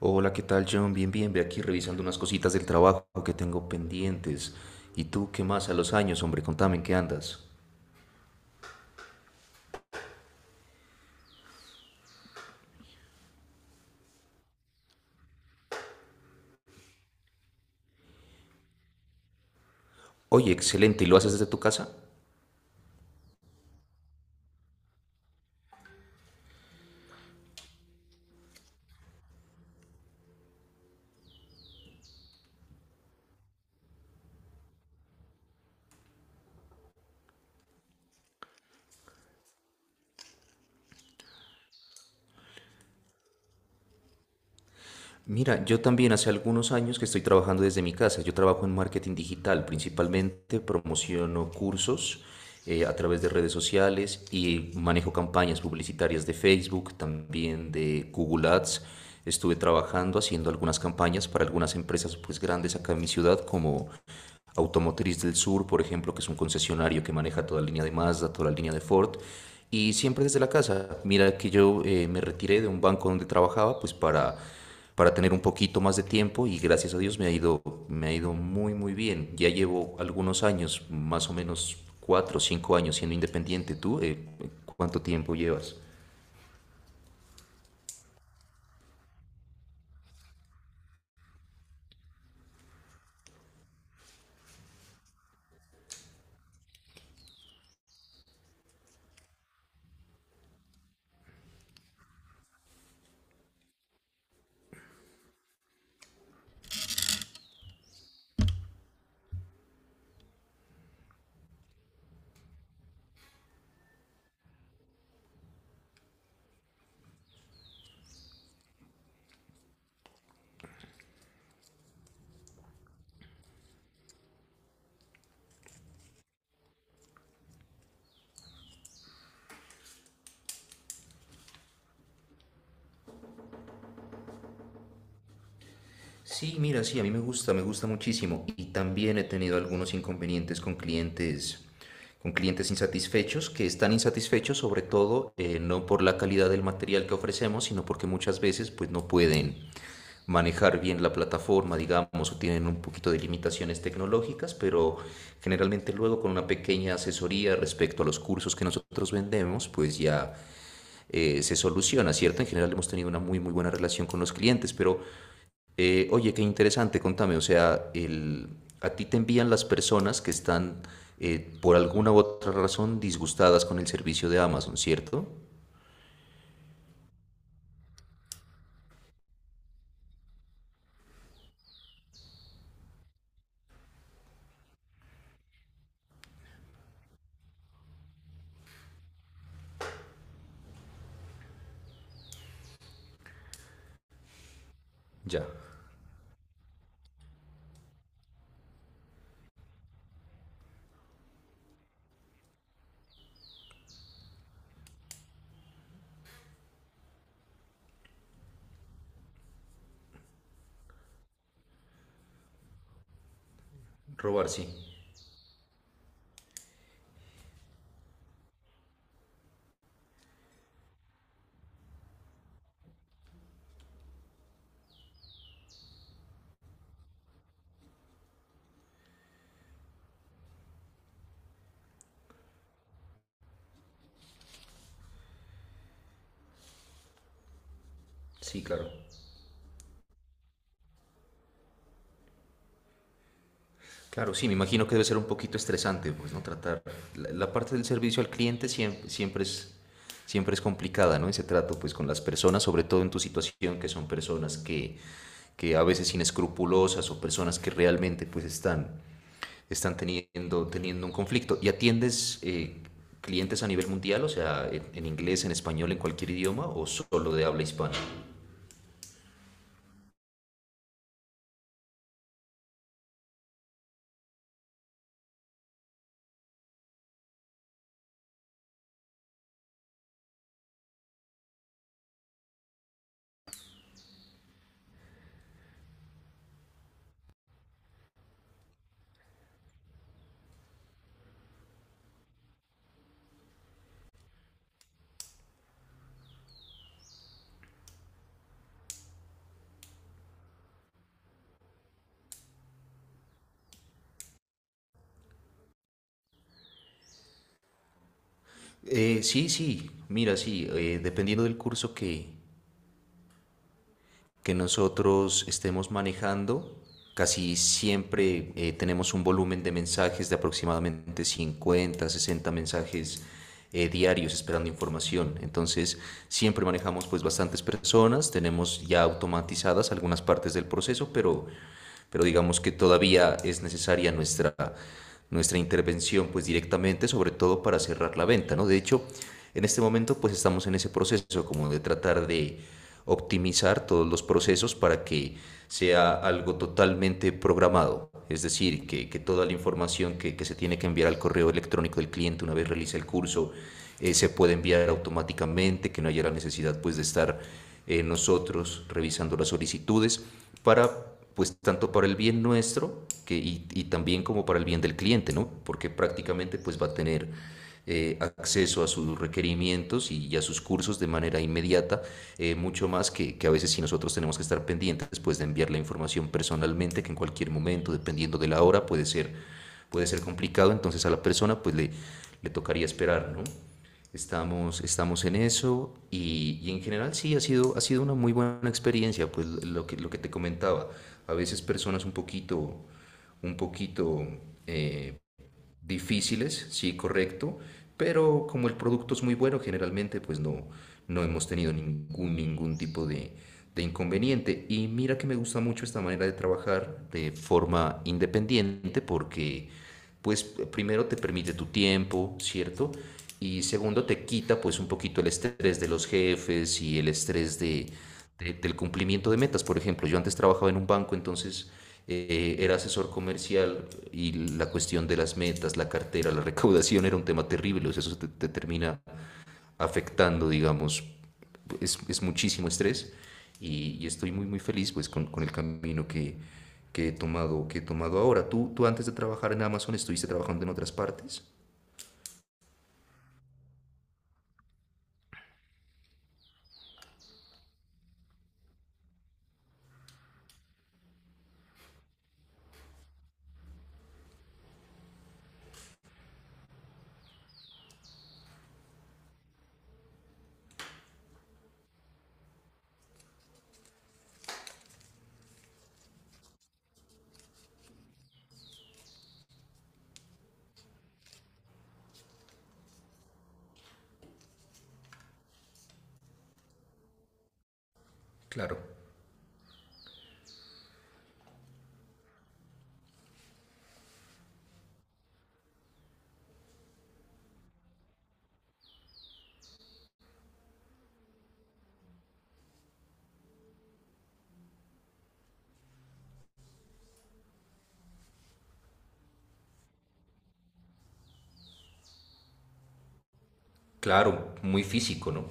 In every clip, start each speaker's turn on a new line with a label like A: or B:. A: Hola, ¿qué tal, John? Bien, bien, ve aquí revisando unas cositas del trabajo que tengo pendientes. ¿Y tú qué más a los años, hombre? Contame, ¿en qué andas? Oye, excelente, ¿y lo haces desde tu casa? Mira, yo también hace algunos años que estoy trabajando desde mi casa. Yo trabajo en marketing digital, principalmente promociono cursos a través de redes sociales y manejo campañas publicitarias de Facebook, también de Google Ads. Estuve trabajando haciendo algunas campañas para algunas empresas pues grandes acá en mi ciudad como Automotriz del Sur, por ejemplo, que es un concesionario que maneja toda la línea de Mazda, toda la línea de Ford, y siempre desde la casa. Mira que yo me retiré de un banco donde trabajaba, pues para tener un poquito más de tiempo y gracias a Dios me ha ido muy, muy bien. Ya llevo algunos años, más o menos cuatro o cinco años siendo independiente. ¿Tú cuánto tiempo llevas? Sí, mira, sí, a mí me gusta muchísimo. Y también he tenido algunos inconvenientes con clientes insatisfechos, que están insatisfechos sobre todo no por la calidad del material que ofrecemos, sino porque muchas veces pues no pueden manejar bien la plataforma, digamos, o tienen un poquito de limitaciones tecnológicas, pero generalmente luego con una pequeña asesoría respecto a los cursos que nosotros vendemos, pues ya se soluciona, ¿cierto? En general hemos tenido una muy, muy buena relación con los clientes, pero... oye, qué interesante, contame, o sea, el, a ti te envían las personas que están por alguna u otra razón disgustadas con el servicio de Amazon, ¿cierto? Ya, robar, sí, sí, claro. Claro, sí, me imagino que debe ser un poquito estresante, pues, ¿no? Tratar la, la parte del servicio al cliente siempre, siempre es complicada, ¿no? Ese trato, pues, con las personas, sobre todo en tu situación, que son personas que a veces inescrupulosas o personas que realmente, pues, están están teniendo, teniendo un conflicto. ¿Y atiendes clientes a nivel mundial, o sea, en, inglés, en español, en cualquier idioma, o solo de habla hispana? Sí, sí, mira, sí, dependiendo del curso que, nosotros estemos manejando, casi siempre tenemos un volumen de mensajes de aproximadamente 50 60 mensajes. Diarios esperando información. Entonces, siempre manejamos pues bastantes personas, tenemos ya automatizadas algunas partes del proceso, pero digamos que todavía es necesaria nuestra, nuestra intervención pues directamente, sobre todo para cerrar la venta, ¿no? De hecho, en este momento pues estamos en ese proceso como de tratar de optimizar todos los procesos para que sea algo totalmente programado, es decir, que toda la información que, se tiene que enviar al correo electrónico del cliente una vez realiza el curso se puede enviar automáticamente, que no haya la necesidad pues de estar nosotros revisando las solicitudes para pues tanto para el bien nuestro que, y, también como para el bien del cliente, ¿no? Porque prácticamente pues va a tener acceso a sus requerimientos y, a sus cursos de manera inmediata, mucho más que, a veces si nosotros tenemos que estar pendientes pues de enviar la información personalmente, que en cualquier momento, dependiendo de la hora, puede ser complicado, entonces a la persona pues le tocaría esperar, ¿no? Estamos, estamos en eso y en general sí, ha sido una muy buena experiencia, pues lo que te comentaba. A veces personas un poquito eh, difíciles, sí, correcto, pero como el producto es muy bueno, generalmente pues no, no hemos tenido ningún, ningún tipo de inconveniente. Y mira que me gusta mucho esta manera de trabajar de forma independiente porque pues primero te permite tu tiempo, ¿cierto? Y segundo te quita pues un poquito el estrés de los jefes y el estrés de, del cumplimiento de metas. Por ejemplo, yo antes trabajaba en un banco, entonces era asesor comercial y la cuestión de las metas, la cartera, la recaudación era un tema terrible, o sea, eso te, te termina afectando, digamos, es muchísimo estrés y, estoy muy, muy feliz pues con el camino que he tomado ahora. ¿Tú, ¿tú antes de trabajar en Amazon estuviste trabajando en otras partes? Claro, claro, muy físico, ¿no?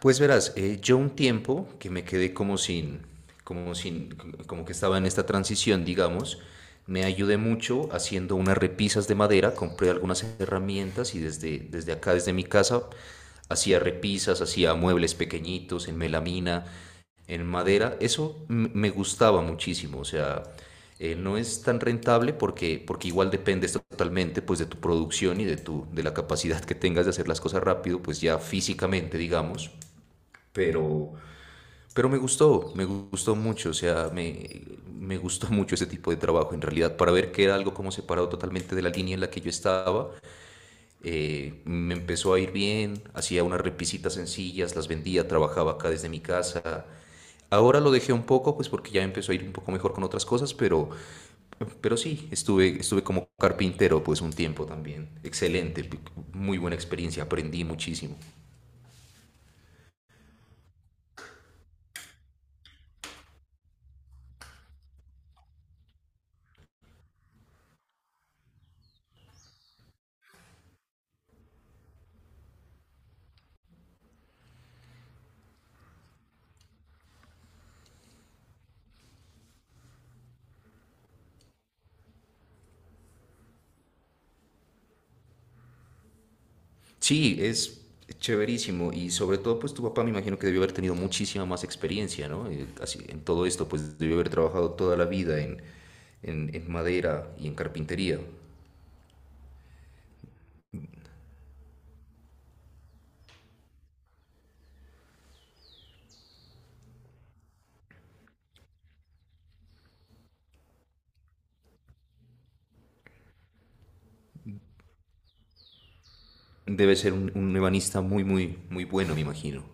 A: Pues verás, yo un tiempo que me quedé como sin, como sin, como que estaba en esta transición, digamos, me ayudé mucho haciendo unas repisas de madera, compré algunas herramientas y desde, desde acá, desde mi casa, hacía repisas, hacía muebles pequeñitos en melamina, en madera. Eso me gustaba muchísimo, o sea, no es tan rentable porque, porque igual dependes totalmente pues de tu producción y de tu, de la capacidad que tengas de hacer las cosas rápido, pues ya físicamente, digamos. Pero, pero me gustó mucho, o sea, me gustó mucho ese tipo de trabajo en realidad, para ver que era algo como separado totalmente de la línea en la que yo estaba. Me empezó a ir bien, hacía unas repisitas sencillas, las vendía, trabajaba acá desde mi casa. Ahora lo dejé un poco, pues porque ya empezó a ir un poco mejor con otras cosas, pero sí, estuve, estuve como carpintero pues un tiempo también. Excelente, muy buena experiencia, aprendí muchísimo. Sí, es chéverísimo. Y sobre todo, pues tu papá me imagino que debió haber tenido muchísima más experiencia, ¿no? Así, en todo esto, pues debió haber trabajado toda la vida en madera y en carpintería. Debe ser un ebanista muy, muy, muy bueno, me imagino.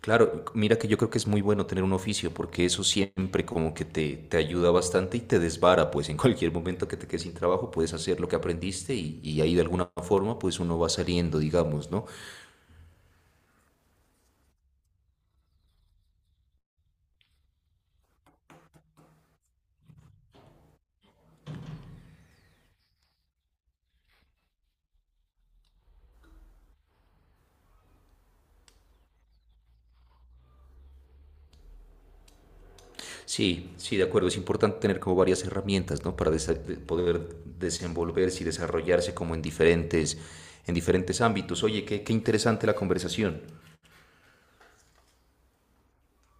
A: Claro, mira que yo creo que es muy bueno tener un oficio porque eso siempre como que te ayuda bastante y te desvara, pues en cualquier momento que te quedes sin trabajo puedes hacer lo que aprendiste y ahí de alguna forma pues uno va saliendo, digamos, ¿no? Sí, sí, de acuerdo. Es importante tener como varias herramientas, ¿no? Para poder desenvolverse y desarrollarse como en diferentes ámbitos. Oye, qué, qué interesante la conversación.